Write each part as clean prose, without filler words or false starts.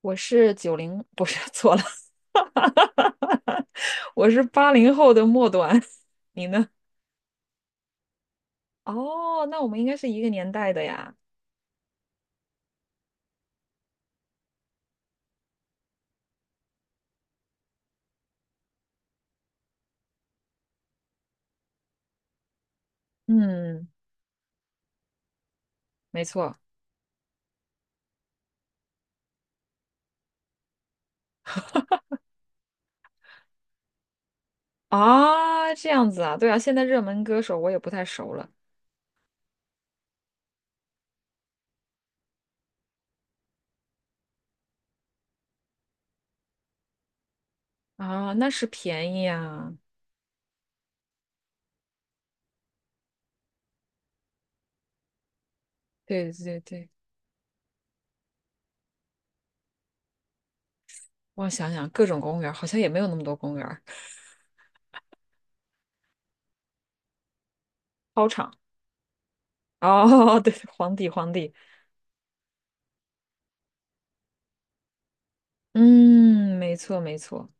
我是九零，不是，错了，我是八零后的末端，你呢？哦，那我们应该是一个年代的呀。嗯，没错啊，这样子啊，对啊，现在热门歌手我也不太熟了啊，那是便宜啊，对对对对，我想想，各种公园儿好像也没有那么多公园儿，操场哦，对，皇帝皇帝，嗯，没错没错，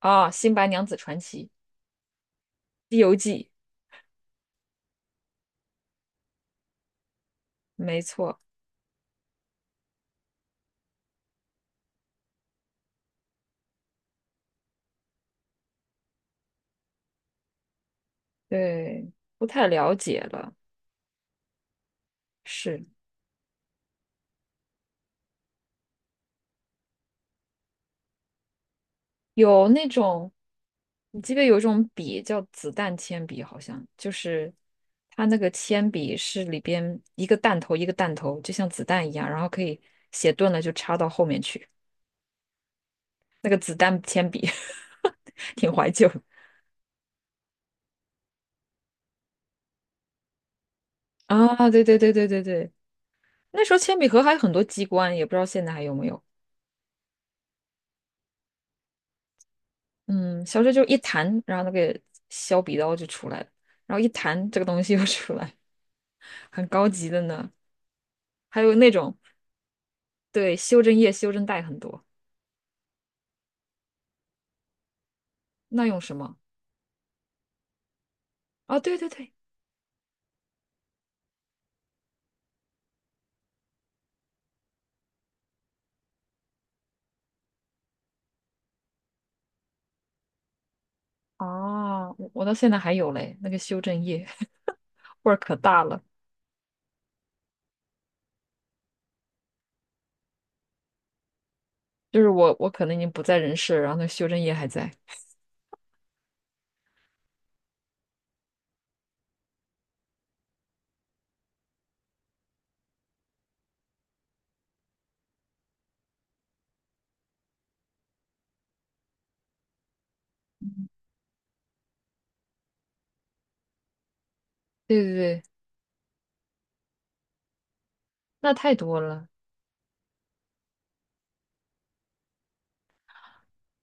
啊，《新白娘子传奇》《西游记》，没错，对，不太了解了。是有那种，你记不记得有一种笔叫子弹铅笔，好像就是它那个铅笔是里边一个弹头一个弹头，就像子弹一样，然后可以写钝了就插到后面去。那个子弹铅笔 挺怀旧的啊！对对对对对对，那时候铅笔盒还有很多机关，也不知道现在还有没有。嗯，小时候就一弹，然后那个削笔刀就出来了，然后一弹这个东西又出来。很高级的呢。还有那种对修正液、修正带很多，那用什么？啊，对对对，哦，我到现在还有嘞，那个修正液味儿可大了，就是我可能已经不在人世了然后那个修正液还在。对对对，那太多了，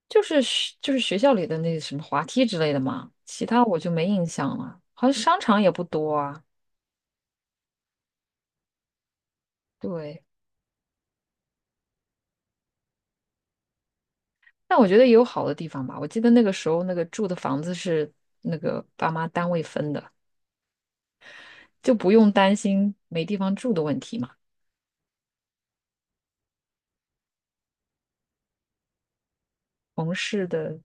就是学校里的那什么滑梯之类的嘛，其他我就没印象了，好像商场也不多啊。对，但我觉得也有好的地方吧。我记得那个时候那个住的房子是那个爸妈单位分的，就不用担心没地方住的问题嘛。同事的，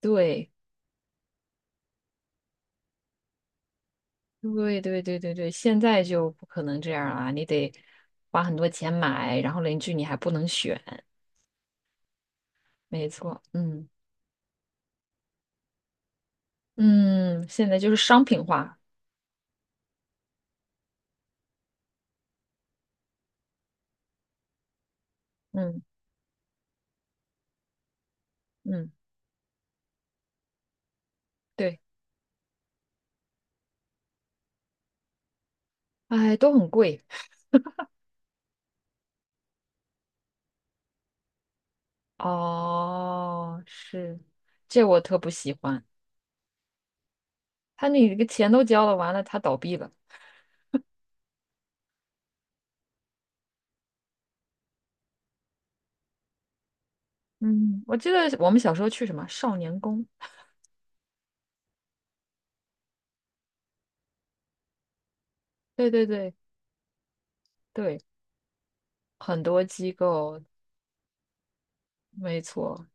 对，对，对，对，对，对，现在就不可能这样啊，你得花很多钱买，然后邻居你还不能选，没错，嗯嗯，现在就是商品化，嗯嗯，对，哎，都很贵，哦，是，这我特不喜欢，他那个钱都交了，完了他倒闭了，嗯，我记得我们小时候去什么少年宫，对对对对，很多机构，没错。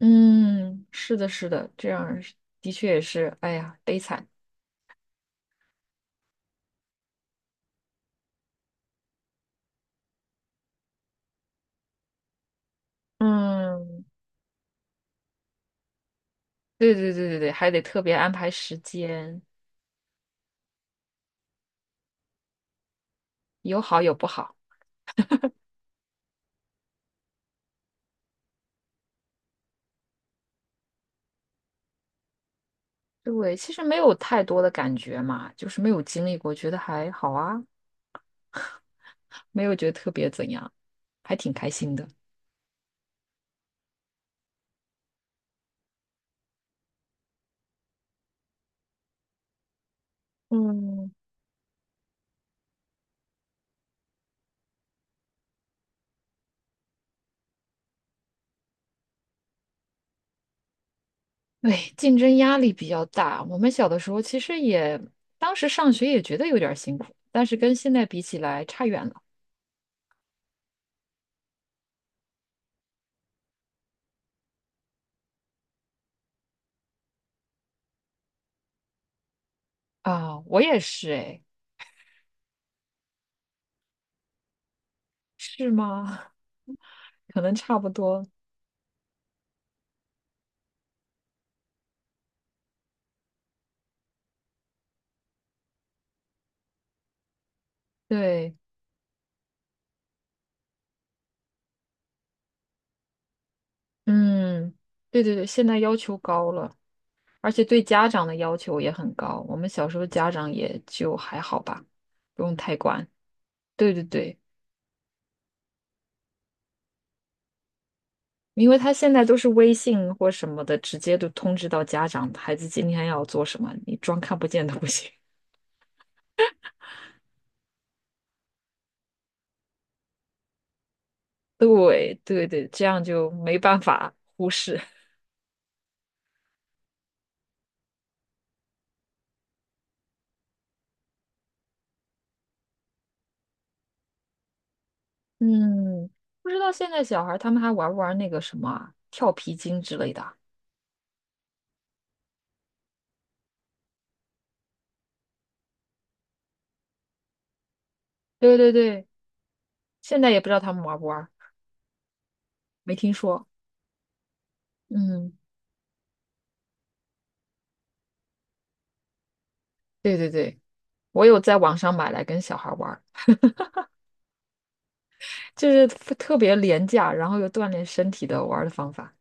嗯，是的，是的，这样是的确也是，哎呀，悲惨。嗯，对对对对对，还得特别安排时间，有好有不好。对，其实没有太多的感觉嘛，就是没有经历过，觉得还好啊，没有觉得特别怎样，还挺开心的。嗯，对，竞争压力比较大。我们小的时候其实也，当时上学也觉得有点儿辛苦，但是跟现在比起来差远了啊。我也是，哎，是吗？可能差不多。对，嗯，对对对，现在要求高了，而且对家长的要求也很高。我们小时候家长也就还好吧，不用太管。对对对，因为他现在都是微信或什么的，直接都通知到家长，孩子今天要做什么，你装看不见都不行。对对对，这样就没办法忽视。嗯，不知道现在小孩儿他们还玩不玩那个什么啊跳皮筋之类的啊对对对，现在也不知道他们玩不玩。没听说。嗯，对对对，我有在网上买来跟小孩玩儿，就是特别廉价，然后又锻炼身体的玩儿的方法。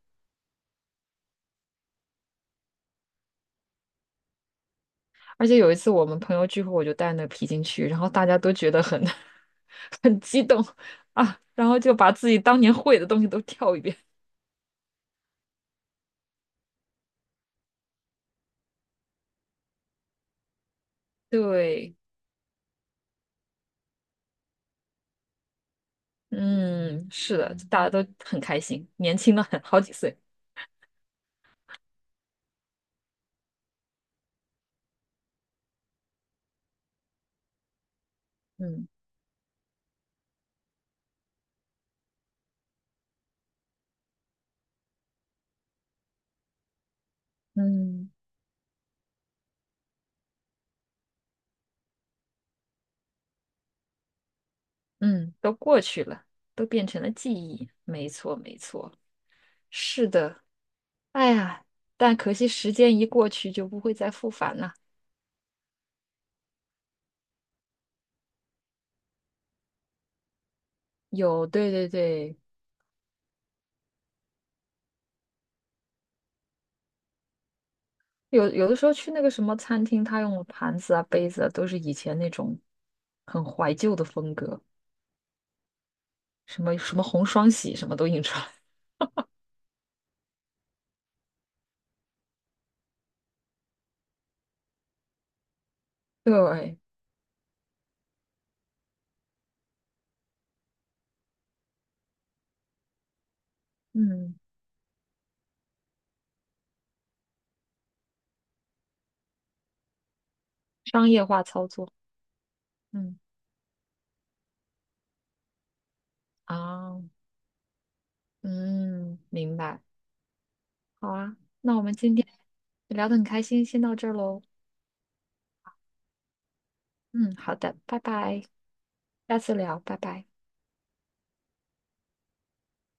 而且有一次我们朋友聚会，我就带那个皮筋去，然后大家都觉得很 很激动啊，然后就把自己当年会的东西都跳一遍。对，嗯，是的，大家都很开心，年轻了很好几岁。嗯嗯嗯，都过去了，都变成了记忆。没错没错，是的。哎呀，但可惜时间一过去就不会再复返了。有，对对对，有的时候去那个什么餐厅，他用的盘子啊、杯子啊，都是以前那种很怀旧的风格，什么什么红双喜，什么都印出来。对，嗯，商业化操作，嗯啊，嗯，明白。好啊，那我们今天聊得很开心，先到这儿喽。嗯，好的，拜拜，下次聊，拜拜。